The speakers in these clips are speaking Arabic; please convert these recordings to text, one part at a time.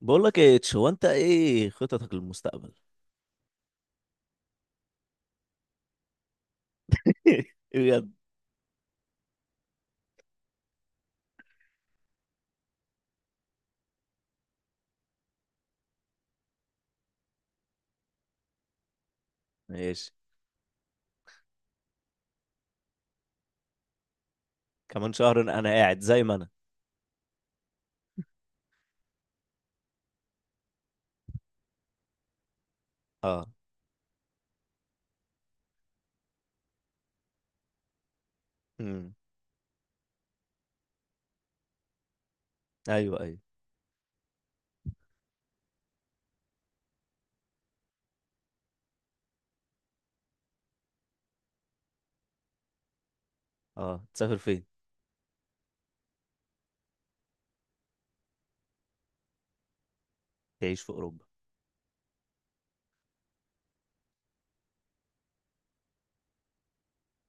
بقول لك ايه، هو انت ايه خططك للمستقبل؟ بجد؟ ماشي. كمان شهر انا قاعد زي ما انا. اه. امم. ايوه، ايوه. اه، تسافر فين؟ تعيش في اوروبا؟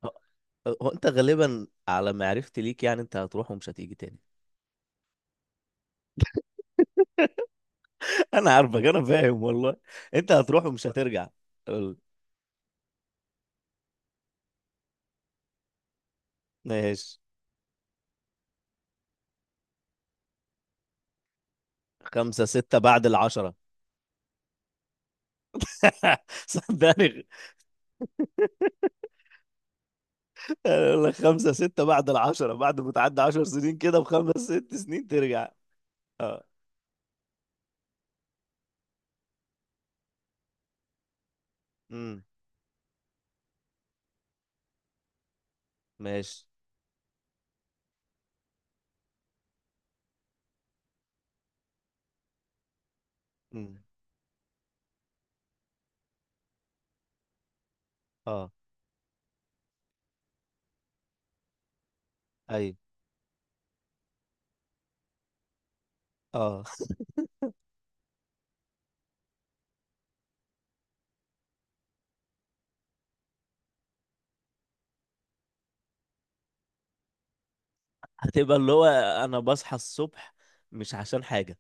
آه، هو انت غالبا على معرفتي ليك، يعني انت هتروح ومش هتيجي تاني. انا عارفك، انا فاهم والله. انت هتروح ومش هترجع. قول. ماشي. خمسة ستة بعد العشرة؟ صدقني. أقول لك خمسة ستة بعد العشرة، بعد ما تعدي 10 سنين كده بخمس ست سنين ترجع. اه. ماشي. مم. اه. ايوه. اه. هتبقى اللي هو، انا بصحى الصبح مش عشان حاجه.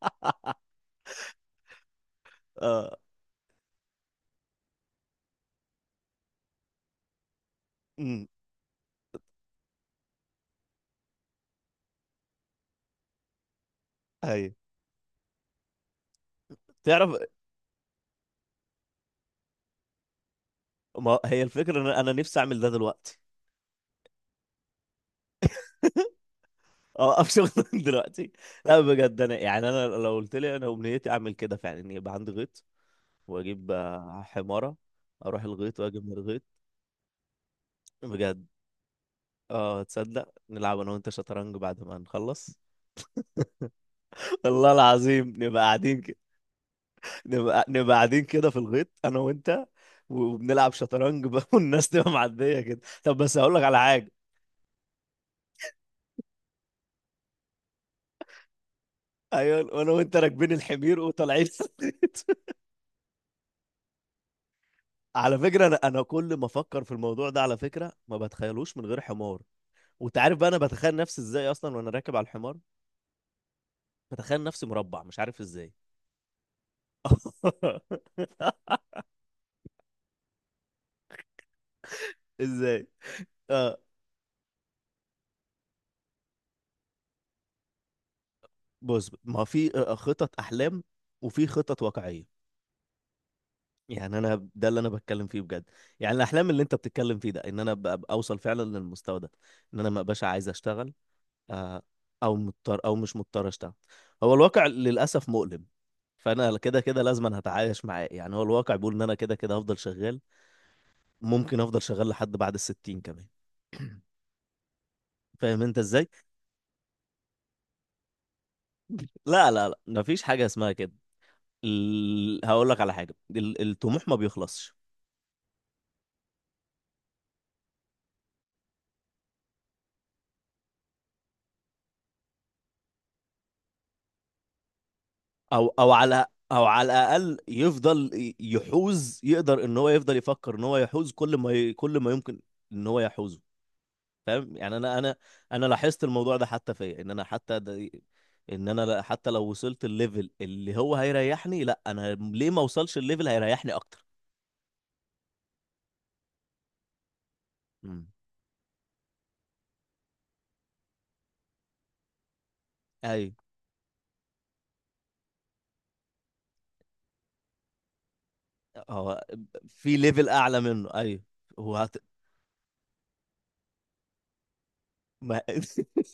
اه. امم. ايوه. تعرف، ما هي الفكره ان انا نفسي اعمل ده دلوقتي. اه، افشل دلوقتي؟ لا بجد، انا يعني انا لو قلت لي انا امنيتي اعمل كده فعلا، ان يبقى عندي غيط واجيب حماره، اروح الغيط واجيب من الغيط. بجد. اه، تصدق نلعب انا وانت شطرنج بعد ما نخلص؟ والله العظيم نبقى قاعدين كده. نبقى قاعدين كده في الغيط انا وانت، وبنلعب شطرنج بقى والناس تبقى معديه كده. طب بس هقول لك على حاجه. ايوه. انا وانت راكبين الحمير وطالعين الغيط. على فكره، انا كل ما افكر في الموضوع ده، على فكره ما بتخيلوش من غير حمار. وانت عارف بقى انا بتخيل نفسي ازاي اصلا وانا راكب على الحمار. بتخيل نفسي مربع، مش عارف ازاي. ازاي؟ اه. بص، ما في خطط احلام، وفي خطط واقعيه. يعني انا ده اللي انا بتكلم فيه بجد. يعني الاحلام اللي انت بتتكلم فيه ده، ان انا أبقى اوصل فعلا للمستوى ده، ان انا ما ابقاش عايز اشتغل. آه، او مضطر او مش مضطر اشتغل. هو الواقع للاسف مؤلم، فانا كده كده لازم أنا هتعايش معاه. يعني هو الواقع بيقول ان انا كده كده هفضل شغال، ممكن افضل شغال لحد بعد الستين كمان. فاهم انت ازاي؟ لا لا لا، مفيش حاجه اسمها كده. هقول لك على حاجه، الطموح ما بيخلصش. او على، او على الاقل يفضل يحوز، يقدر ان هو يفضل يفكر ان هو يحوز كل ما كل ما يمكن ان هو يحوزه. فاهم يعني انا، انا لاحظت الموضوع ده حتى فيا، ان انا حتى ده، ان انا حتى لو وصلت الليفل اللي هو هيريحني، لا انا ليه ما اوصلش الليفل هيريحني اكتر. امم. ايوه. هو في ليفل اعلى منه، ايوه. هو ما.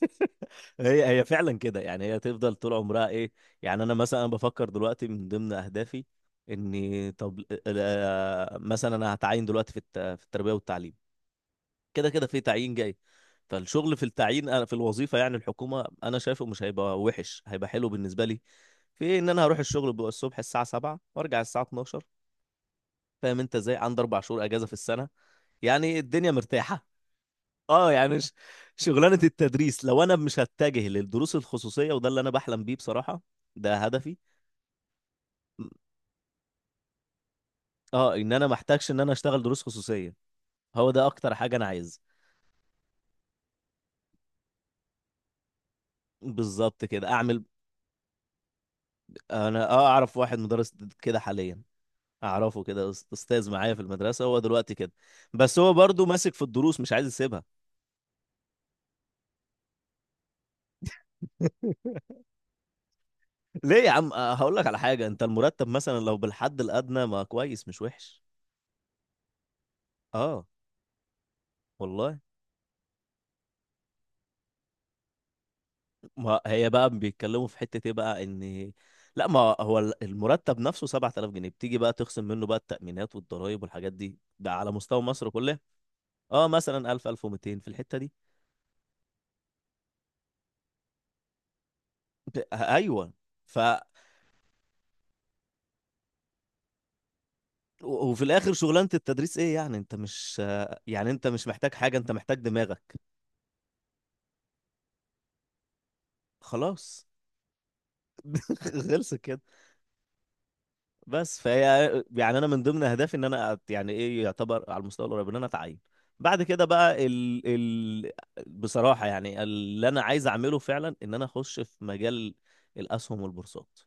هي هي فعلا كده، يعني هي تفضل طول عمرها ايه. يعني انا مثلا أنا بفكر دلوقتي من ضمن اهدافي، اني طب مثلا انا هتعين دلوقتي في في التربيه والتعليم، كده كده في تعيين جاي. فالشغل في التعيين في الوظيفه، يعني الحكومه انا شايفه مش هيبقى وحش، هيبقى حلو بالنسبه لي، في ان انا هروح الشغل بقى الصبح الساعه 7 وارجع الساعه 12. فاهم انت ازاي؟ عندي 4 شهور اجازه في السنه، يعني الدنيا مرتاحه. اه، يعني شغلانة التدريس، لو انا مش هتجه للدروس الخصوصية، وده اللي انا بحلم بيه بصراحة. ده هدفي. اه، ان انا محتاجش ان انا اشتغل دروس خصوصية. هو ده اكتر حاجة انا عايز. بالظبط كده اعمل. انا، اه، اعرف واحد مدرس كده حاليا، اعرفه كده استاذ معايا في المدرسة، هو دلوقتي كده، بس هو برضو ماسك في الدروس، مش عايز يسيبها. ليه يا عم! هقول لك على حاجة، انت المرتب مثلا لو بالحد الادنى، ما كويس مش وحش. اه والله. ما هي بقى بيتكلموا في حتة ايه بقى، ان، لا ما هو المرتب نفسه 7000 جنيه، بتيجي بقى تخصم منه بقى التأمينات والضرائب والحاجات دي، ده على مستوى مصر كلها. اه، مثلا 1000 1200 في الحتة دي. ايوه. ف وفي الاخر شغلانة التدريس ايه، يعني انت مش، يعني انت مش محتاج حاجة، انت محتاج دماغك. خلاص. خلص كده. بس فهي، يعني انا من ضمن اهدافي، ان انا يعني ايه، يعتبر على المستوى القريب ان انا اتعين. بعد كده بقى ال... بصراحة يعني، اللي انا عايز اعمله فعلا، ان انا اخش في مجال الاسهم والبورصات.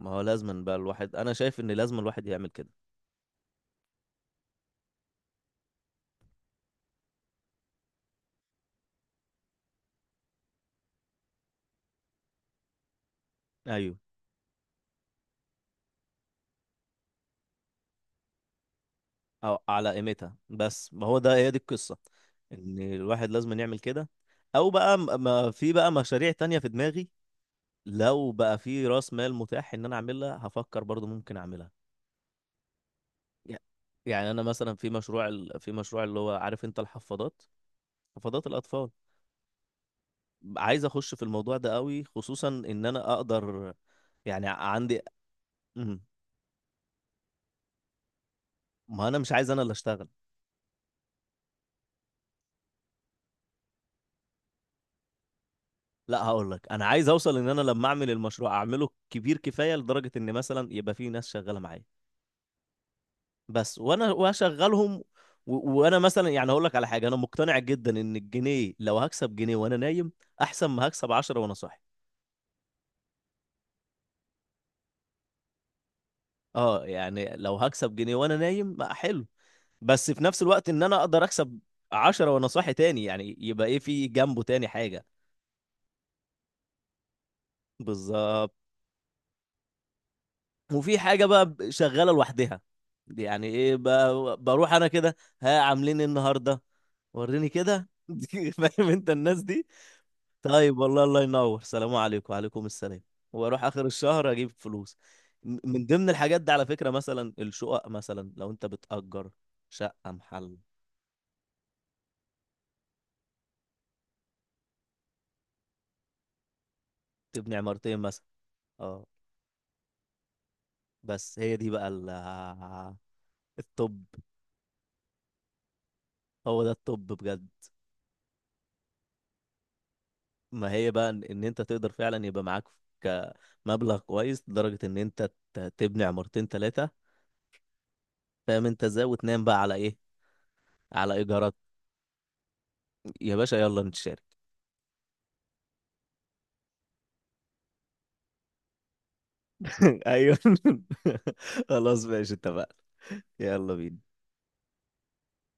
ما هو لازم بقى الواحد، انا شايف ان لازم الواحد يعمل كده. ايوه. او على قيمتها بس، ما هو ده هي دي القصة، ان الواحد لازم يعمل كده. او بقى، ما في بقى مشاريع تانية في دماغي، لو بقى في راس مال متاح ان انا اعملها، هفكر برضو ممكن اعملها. يع- يعني انا مثلا في مشروع في مشروع اللي هو، عارف انت الحفاضات، حفاضات الاطفال، عايز اخش في الموضوع ده قوي، خصوصا ان انا اقدر، يعني عندي. مم. ما انا مش عايز انا اللي اشتغل. لا، هقول لك، انا عايز اوصل ان انا لما اعمل المشروع اعمله كبير كفايه لدرجه ان مثلا يبقى في ناس شغاله معايا بس، وانا واشغلهم. وانا مثلا يعني هقول لك على حاجه، انا مقتنع جدا ان الجنيه، لو هكسب جنيه وانا نايم احسن ما هكسب 10 وانا صاحي. اه، يعني لو هكسب جنيه وانا نايم ما حلو، بس في نفس الوقت ان انا اقدر اكسب 10 وانا صاحي تاني، يعني يبقى ايه في جنبه تاني حاجة. بالظبط. وفي حاجة بقى شغالة لوحدها. دي، يعني ايه، بروح انا كده، ها عاملين إيه النهاردة، وريني كده، فاهم انت الناس دي. طيب، والله، الله ينور، سلام عليكم، وعليكم السلام، واروح اخر الشهر اجيب فلوس. من ضمن الحاجات دي على فكرة، مثلا الشقق، مثلا لو انت بتأجر شقة محل، تبني عمارتين مثلا. اه. بس هي دي بقى الطب، هو ده الطب بجد. ما هي بقى إن انت تقدر فعلا يبقى معاك كمبلغ كويس لدرجة ان انت تبني عمارتين ثلاثة، فاهم انت ازاي؟ وتنام بقى على ايه، على ايجارات. يا باشا يلا نتشارك. ايوه. خلاص، ماشي، اتفقنا. يلا بينا.